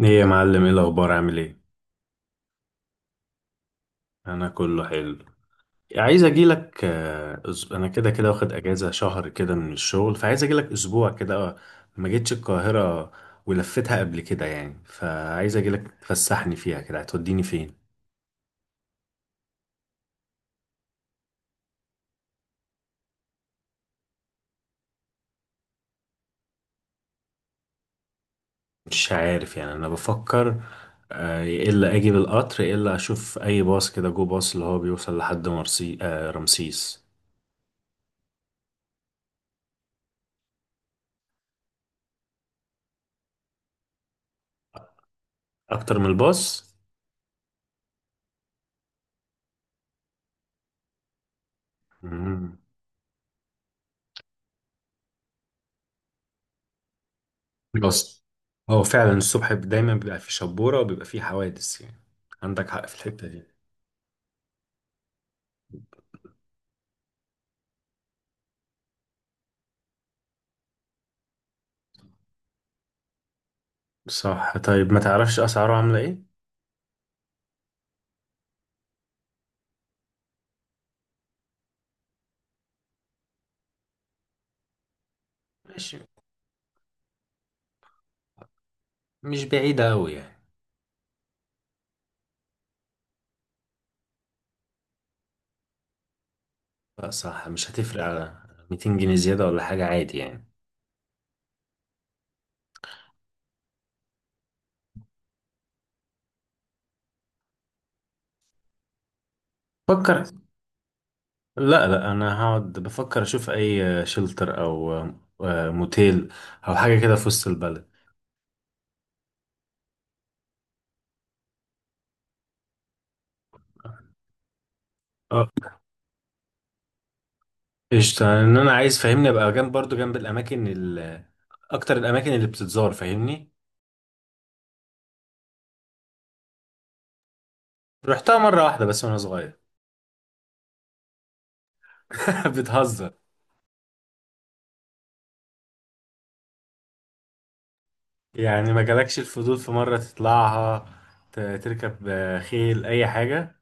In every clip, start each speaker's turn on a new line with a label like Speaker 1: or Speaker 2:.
Speaker 1: ايه يا معلم، ايه الاخبار؟ عامل ايه؟ انا كله حلو. عايز اجي لك. انا كده كده واخد اجازه شهر كده من الشغل، فعايز اجي لك اسبوع كده. ما جيتش القاهره ولفتها قبل كده يعني، فعايز اجي لك تفسحني فيها كده. هتوديني فين؟ مش عارف يعني، انا بفكر. يا الا اجي بالقطر، يا الا اشوف اي باص كده، جو باص اللي هو بيوصل لحد مرسي، رمسيس. اكتر من الباص. بس هو فعلا الصبح دايما بيبقى فيه شبورة وبيبقى فيه حوادث يعني. عندك حق في الحتة دي. صح، طيب ما تعرفش أسعاره عاملة إيه؟ ماشي. مش بعيدة أوي يعني. لا صح، مش هتفرق. على 200 جنيه زيادة ولا حاجة، عادي يعني. فكر. لا لا، أنا هقعد بفكر أشوف أي شلتر أو موتيل أو حاجة كده في وسط البلد. اه قشطة. إن أنا عايز، فاهمني، أبقى جنب، برضو جنب الأماكن أكتر الأماكن اللي بتتزار، فاهمني. رحتها مرة واحدة بس وأنا صغير. بتهزر؟ يعني ما جالكش الفضول في مرة تطلعها، تركب خيل، أي حاجة؟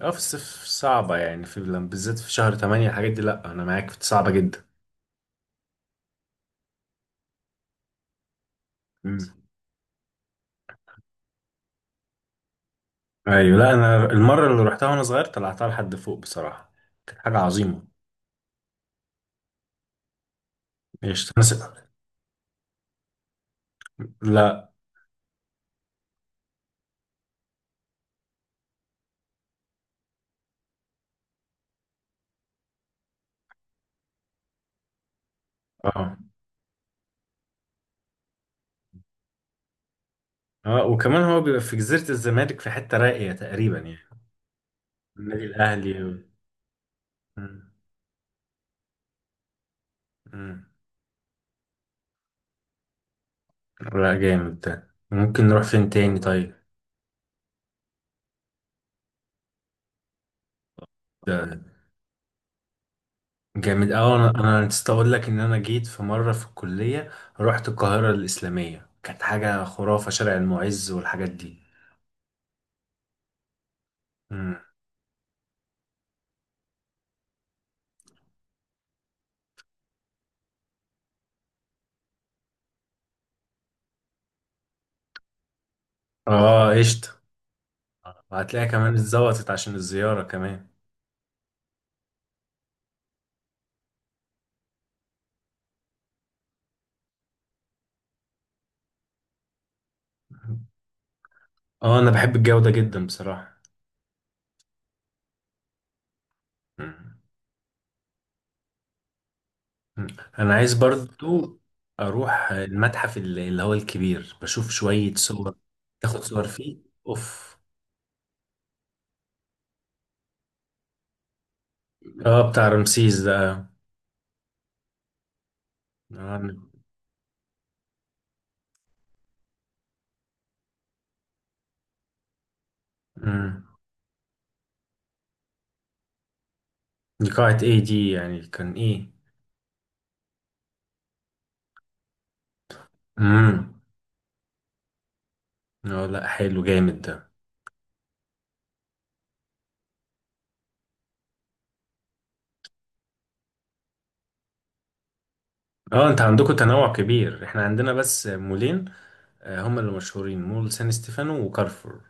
Speaker 1: اه، في الصيف صعبة يعني، في بالذات في شهر تمانية الحاجات دي، لأ أنا معاك، في صعبة جدا. مم. أيوة. لأ أنا المرة اللي روحتها وأنا صغير طلعتها لحد فوق بصراحة، كانت حاجة عظيمة. مش تنسى. لأ. اه، اه، وكمان هو بيبقى في جزيرة الزمالك، في حتة راقية تقريبا يعني. النادي الأهلي و... مم. مم. لأ جامد ده. ممكن نروح فين تاني طيب؟ ده جامد أوي. أنا نسيت أقول لك إن أنا جيت في مرة في الكلية، رحت القاهرة الإسلامية، كانت حاجة خرافة، شارع المعز والحاجات دي. مم. آه قشطة. وهتلاقي كمان اتظبطت عشان الزيارة كمان. آه أنا بحب الجو ده جدا بصراحة. مم. مم. أنا عايز برضو أروح المتحف اللي هو الكبير، بشوف شوية صور. تاخد صور فيه. أوف. آه بتاع رمسيس ده. آه. مم. دي قاعة إيه دي يعني؟ كان إيه؟ مم. اه لا، حلو، جامد ده. اه انت عندكم تنوع كبير، احنا عندنا بس مولين، هما اللي مشهورين، مول سان ستيفانو وكارفور.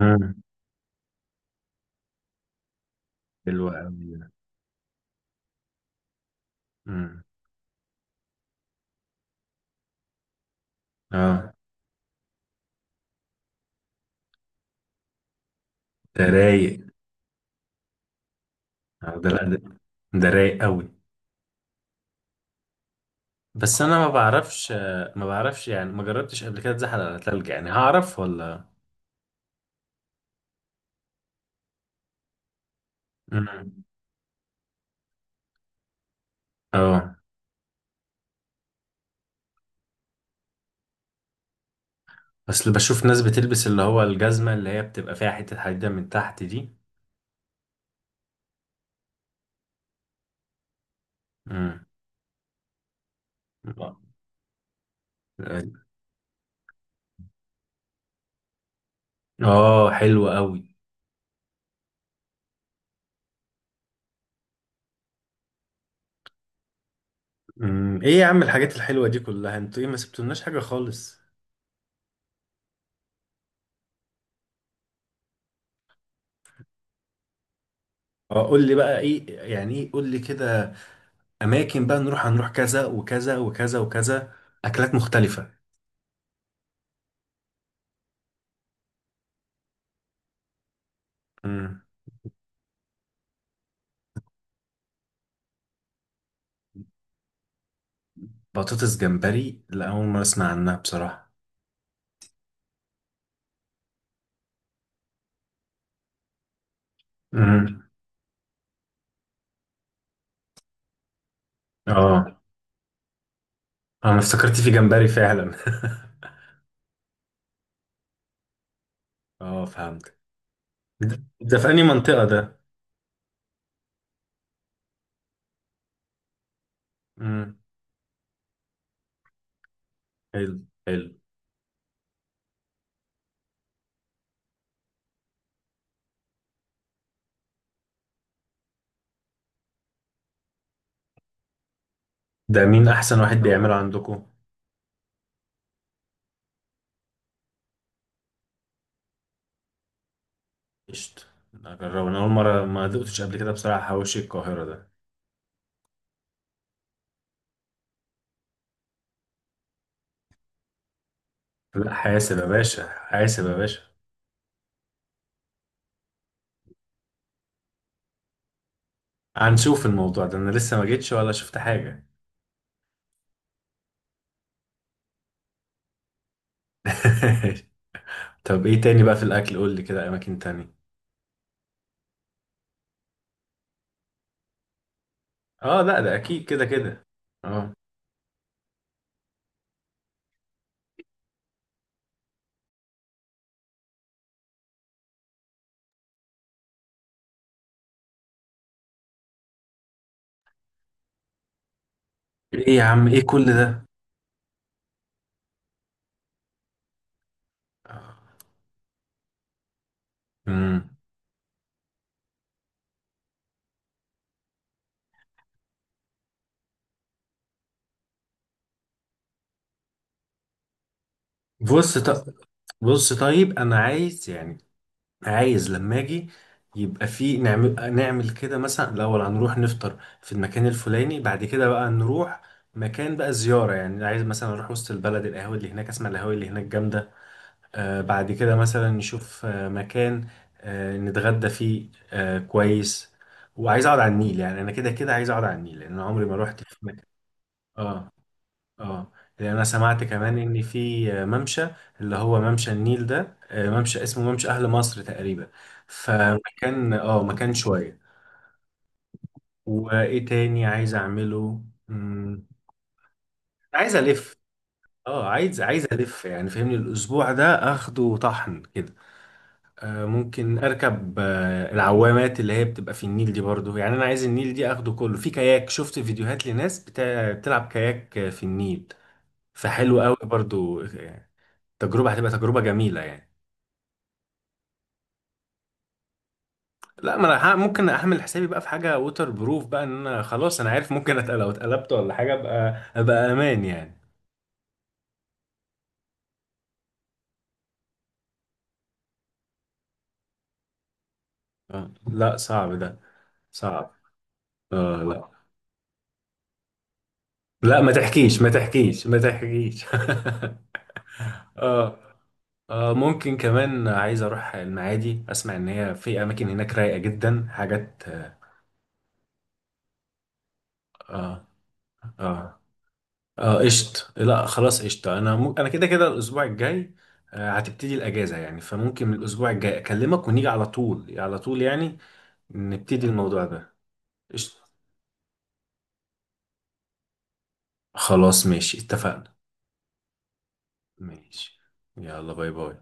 Speaker 1: مم. حلو قوي ده. مم. اه ده رايق. اه ده، لا ده، ده رايق قوي. بس انا ما بعرفش، ما بعرفش يعني، ما جربتش قبل كده اتزحل على تلج، يعني هعرف ولا؟ مم. اه، اصل بشوف ناس بتلبس اللي هو الجزمة اللي هي بتبقى فيها حتة حديدة من تحت دي. مم. اه حلو قوي. امم، ايه يا عم الحاجات الحلوه دي كلها؟ انتوا ايه، ما سبتولناش حاجه خالص. اه قول لي بقى ايه يعني، ايه قول لي كده، اماكن بقى نروح، هنروح كذا وكذا وكذا وكذا، اكلات مختلفه. امم. بطاطس جمبري؟ لا اول مره اسمع عنها بصراحه. امم. اه انا افتكرت في جمبري فعلا. اه فهمت. ده ده في انهي منطقه ده؟ امم. حلو حلو. ده مين احسن واحد بيعمله عندكم؟ قشطة، اجربه. انا اول مره ما دقتش قبل كده بصراحه حواوشي القاهره ده. لا حاسب يا باشا، حاسب يا باشا. هنشوف الموضوع ده، انا لسه ما جيتش ولا شفت حاجة. طب ايه تاني بقى في الاكل؟ قول لي كده اماكن تانية. اه لا ده اكيد كده كده. اه. ايه يا عم، ايه كل ده؟ امم. بص طب، بص طيب، انا عايز يعني، عايز لما اجي يبقى في، نعمل نعمل كده، مثلا الاول هنروح نفطر في المكان الفلاني، بعد كده بقى نروح مكان بقى زيارة، يعني عايز مثلا اروح وسط البلد، القهاوي اللي هناك، اسمع القهاوي اللي هناك جامدة. بعد كده مثلا نشوف مكان نتغدى فيه كويس. وعايز اقعد على النيل، يعني انا كده كده عايز اقعد على النيل، لان أنا عمري ما روحت في مكان. اه. اه. لان انا سمعت كمان ان في ممشى، اللي هو ممشى النيل ده، ممشى اسمه ممشى اهل مصر تقريبا. فمكان، اه مكان شوية. وايه تاني عايز اعمله؟ مم، عايز الف. اه عايز، عايز الف يعني، فهمني الاسبوع ده اخده طحن كده. ممكن اركب العوامات اللي هي بتبقى في النيل دي برضو، يعني انا عايز النيل دي اخده كله في كاياك. شفت فيديوهات لناس بتلعب كاياك في النيل، فحلو قوي برضو. تجربة هتبقى تجربة جميلة يعني. لا ما انا ممكن اعمل حسابي بقى في حاجة ووتر بروف، بقى ان انا خلاص انا عارف، ممكن لو اتقلبت ولا حاجة ابقى، ابقى امان يعني. لا صعب ده. صعب. اه لا، لا ما تحكيش، ما تحكيش، ما تحكيش. اه. آه ممكن كمان عايز اروح المعادي، اسمع ان هي في اماكن هناك رايقه جدا، حاجات اه. اه. اه. قشط. لا خلاص قشط. انا انا كده كده الاسبوع الجاي آه هتبتدي الاجازه يعني، فممكن من الاسبوع الجاي اكلمك ونيجي على طول على طول يعني، نبتدي الموضوع ده. قشط. خلاص ماشي، اتفقنا. ماشي. يلا باي باي.